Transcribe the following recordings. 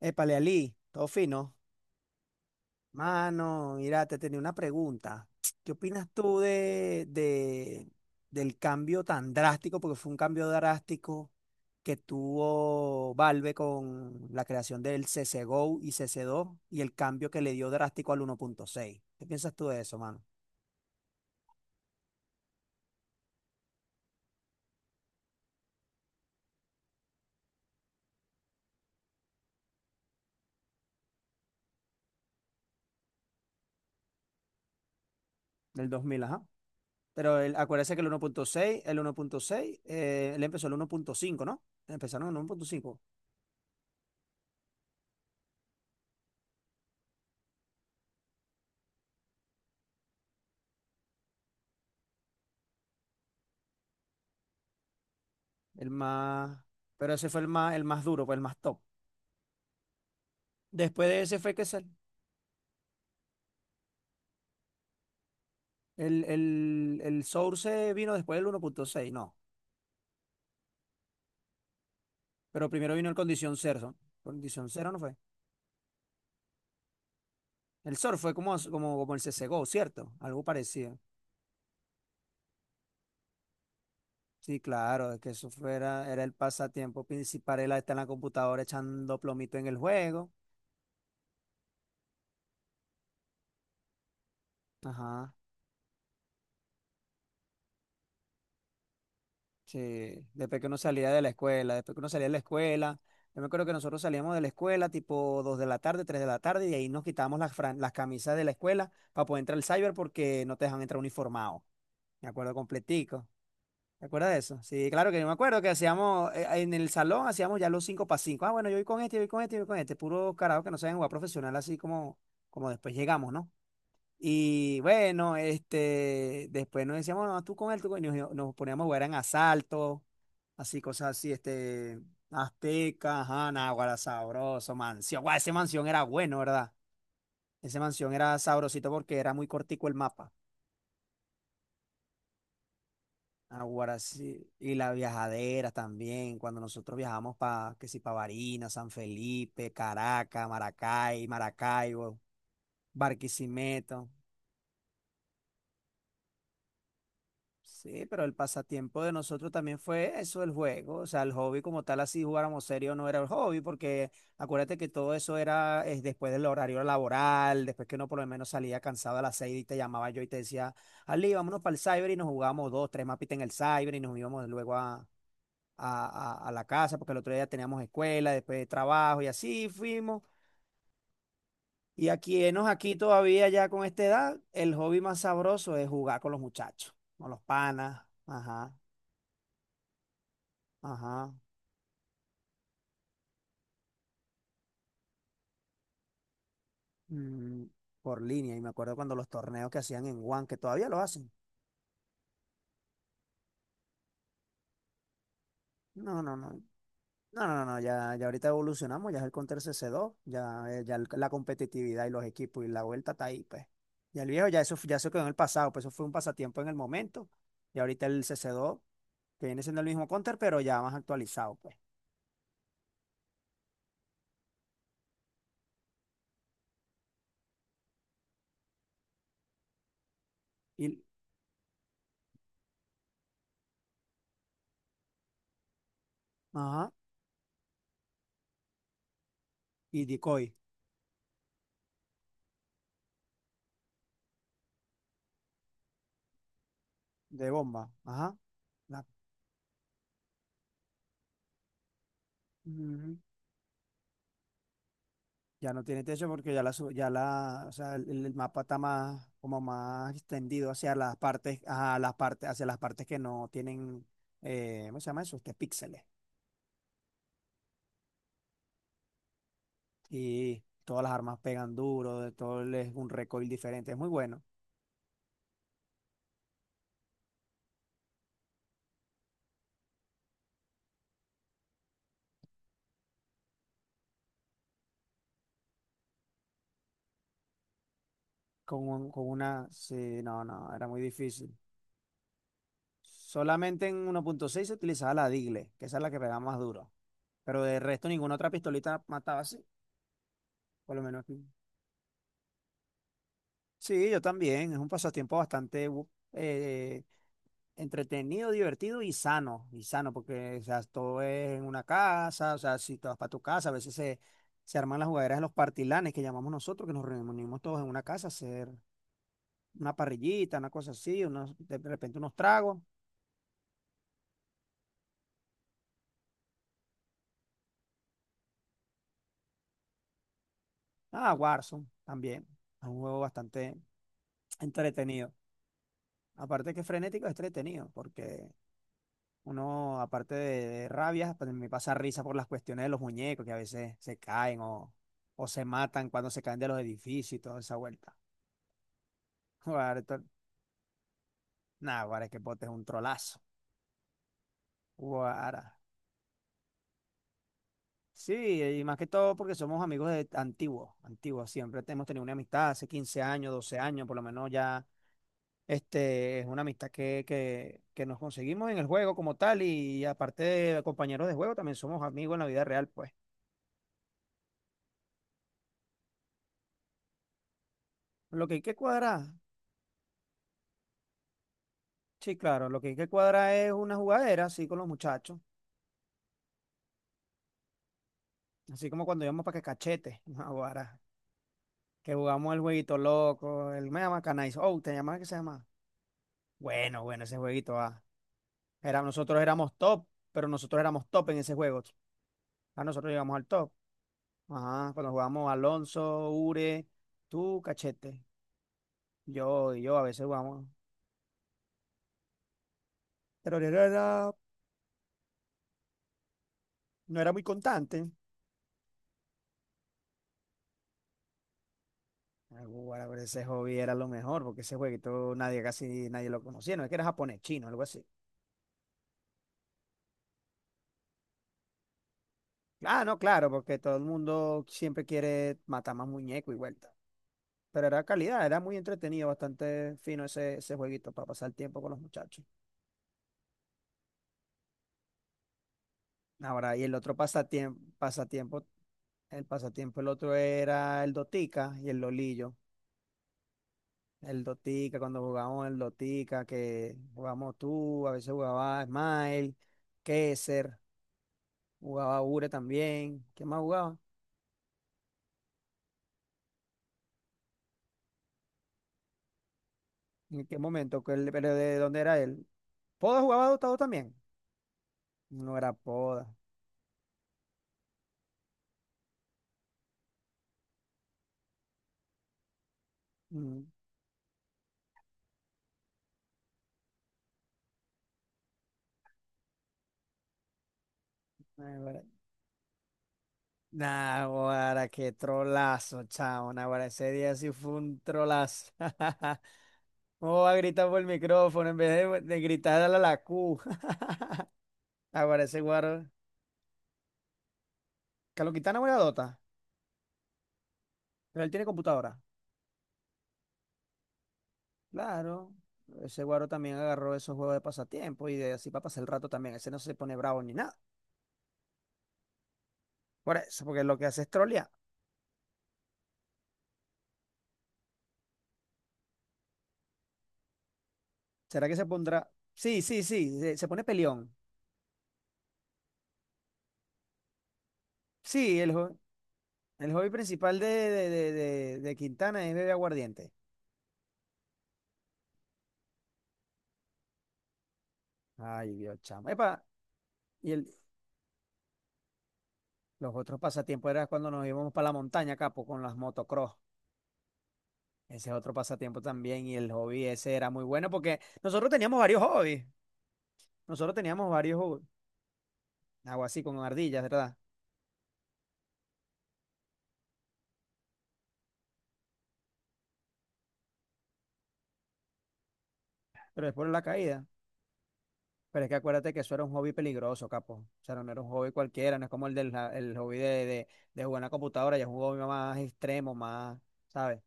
Épale, Ali, todo fino. Mano, mira, te tenía una pregunta. ¿Qué opinas tú del cambio tan drástico? Porque fue un cambio drástico que tuvo Valve con la creación del CCGO y cc dos y el cambio que le dio drástico al 1.6. ¿Qué piensas tú de eso, mano? Del 2000, ajá. Pero acuérdese que el 1.6, el 1.6, él empezó el 1.5, ¿no? Empezaron en el 1.5. El más, pero ese fue el más duro, pues el más top. Después de ese fue que el Source vino después del 1.6, ¿no? Pero primero vino el Condición Cero. Condición Cero no fue. El Source fue como el CSGO, ¿cierto? Algo parecido. Sí, claro, es que eso fuera, era el pasatiempo principal, era estar en la computadora echando plomito en el juego. Ajá. Sí, después que uno salía de la escuela, después que uno salía de la escuela, yo me acuerdo que nosotros salíamos de la escuela tipo 2 de la tarde, 3 de la tarde, y ahí nos quitábamos las camisas de la escuela para poder entrar al cyber porque no te dejan entrar uniformado. Me acuerdo completico. ¿Te acuerdas de eso? Sí, claro que yo me acuerdo que en el salón hacíamos ya los 5 para 5. Ah, bueno, yo voy con este, yo voy con este, yo voy con este. Puro carajo que no saben jugar profesional así como después llegamos, ¿no? Y bueno, después nos decíamos, no, tú con él, tú con él, y nos poníamos a jugar en asalto, así, cosas así, Azteca, ajá, Náguara, sabroso, Mansión, guau, ese Mansión era bueno, ¿verdad? Ese Mansión era sabrosito porque era muy cortico el mapa, Náguara, sí, y las viajaderas también, cuando nosotros viajamos que si para Barinas, San Felipe, Caracas, Maracay, Maracaibo, Barquisimeto. Sí, pero el pasatiempo de nosotros también fue eso, el juego. O sea, el hobby como tal, así jugáramos serio, no era el hobby, porque acuérdate que todo eso era después del horario laboral, después que uno por lo menos salía cansado a las seis y te llamaba yo y te decía, Ali, vámonos para el cyber y nos jugábamos dos, tres mapitas en el cyber y nos íbamos luego a, a la casa, porque el otro día teníamos escuela, después de trabajo y así fuimos. Y aquí, enos aquí todavía ya con esta edad, el hobby más sabroso es jugar con los muchachos, con los panas. Ajá, ajá. mm, por línea. Y me acuerdo cuando los torneos que hacían en One, que todavía lo hacen. No, no, no. No, no, no. Ya ahorita evolucionamos, ya es el Counter CC2, ya, la competitividad y los equipos y la vuelta está ahí, pues. Ya el viejo, ya eso quedó en el pasado, pues eso fue un pasatiempo en el momento. Y ahorita el CC2, que viene siendo el mismo Counter, pero ya más actualizado, pues. Y, ajá, y decoy de bomba. Ajá. la- Ya no tiene techo porque ya la, su- ya la, o sea, el mapa está más, como más extendido hacia las partes que no tienen, ¿cómo se llama eso? Píxeles. Y todas las armas pegan duro, es un recoil diferente. Es muy bueno. Con una, sí, no, no, era muy difícil. Solamente en 1.6 se utilizaba la Digle, que esa es la que pegaba más duro. Pero de resto ninguna otra pistolita mataba así, por lo menos aquí. Sí, yo también. Es un pasatiempo bastante entretenido, divertido y sano, porque o sea, todo es en una casa, o sea, si te vas para tu casa, a veces se arman las jugaderas de los partilanes que llamamos nosotros, que nos reunimos todos en una casa a hacer una parrillita, una cosa así, unos, de repente unos tragos. Ah, Warzone también, es un juego bastante entretenido. Aparte que es frenético, es entretenido, porque uno, aparte de rabias, pues me pasa risa por las cuestiones de los muñecos que a veces se caen o se matan cuando se caen de los edificios y toda esa vuelta. Guara, nah, Guara, es que Pote es un trolazo. Guara. Sí, y más que todo porque somos amigos de antiguos, antiguos. Siempre hemos tenido una amistad hace 15 años, 12 años, por lo menos ya. Es una amistad que nos conseguimos en el juego como tal y aparte de compañeros de juego, también somos amigos en la vida real, pues. Lo que hay que cuadrar, Sí, claro, lo que hay que cuadrar es una jugadera así con los muchachos, así como cuando íbamos para que cachete, no, Guara, que jugamos el jueguito loco, el me llama Canais, oh, te llamas que se llama. Bueno, bueno, ese jueguito, ah. Nosotros éramos top, pero nosotros éramos top en ese juego. Ah, nosotros llegamos al top. Ajá, cuando jugamos Alonso, Ure, tú, Cachete, yo y yo a veces jugamos. Pero no era muy constante. Ah, bueno, pero ese hobby era lo mejor, porque ese jueguito nadie, casi nadie lo conocía. No es que era japonés, chino, algo así. Ah, no, claro, porque todo el mundo siempre quiere matar más muñecos y vuelta. Pero era calidad, era muy entretenido, bastante fino ese jueguito para pasar el tiempo con los muchachos. Ahora, y el otro era el Dotica y el Lolillo. El Dotica, cuando jugábamos el Dotica, que jugábamos tú, a veces jugaba Smile, Kesser, jugaba Ure también. ¿Quién más jugaba? ¿En qué momento? Pero de dónde era él? ¿Poda jugaba Dotado también? No era Poda. Mm, ay, vale. Nah, ahora qué trolazo, chao. Ahora ese día sí fue un trolazo. ¿Cómo va a gritar por el micrófono en vez de gritar a la Q? Ahora ese guaro. Calokitana buena dota, pero él tiene computadora. Claro. Ese guaro también agarró esos juegos de pasatiempo y de así para pasar el rato también. Ese no se pone bravo ni nada. Por eso, porque lo que hace es trolear. ¿Será que se pondrá? Sí, sí, sí. Se pone peleón. Sí, el hobby principal de Quintana es beber aguardiente. Ay, Dios, chamo. Epa, y los otros pasatiempos era cuando nos íbamos para la montaña, capo, con las motocross. Ese es otro pasatiempo también y el hobby ese era muy bueno porque nosotros teníamos varios hobbies. Nosotros teníamos varios hobbies. Algo así con ardillas, ¿verdad? Pero después la caída. Pero es que acuérdate que eso era un hobby peligroso, capo. O sea, no era un hobby cualquiera, no es como el hobby de jugar en la computadora, ya es un hobby más extremo, más, ¿sabes?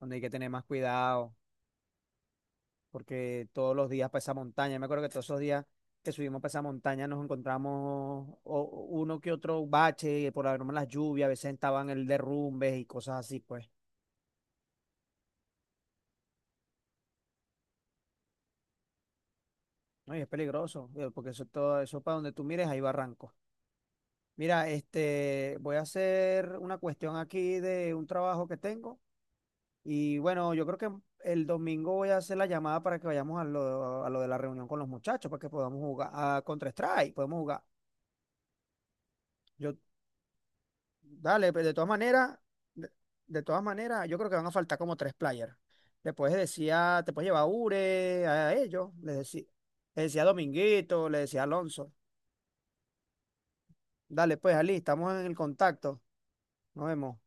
Donde hay que tener más cuidado. Porque todos los días para esa montaña, me acuerdo que todos esos días que subimos para esa montaña nos encontramos uno que otro bache, por haber las lluvias, a veces estaban el derrumbe y cosas así, pues. No, y es peligroso, porque eso todo, eso para donde tú mires, hay barrancos. Mira, voy a hacer una cuestión aquí de un trabajo que tengo. Y bueno, yo creo que el domingo voy a hacer la llamada para que vayamos a lo de la reunión con los muchachos, para que podamos jugar a Counter-Strike, podemos jugar. Yo, Dale, pero de todas maneras, de, yo creo que van a faltar como tres players. Le puedes decir a- Te puedes llevar a Ure, a ellos, les decía, a Dominguito, les decía a Alonso. Dale, pues, Ali, estamos en el contacto. Nos vemos.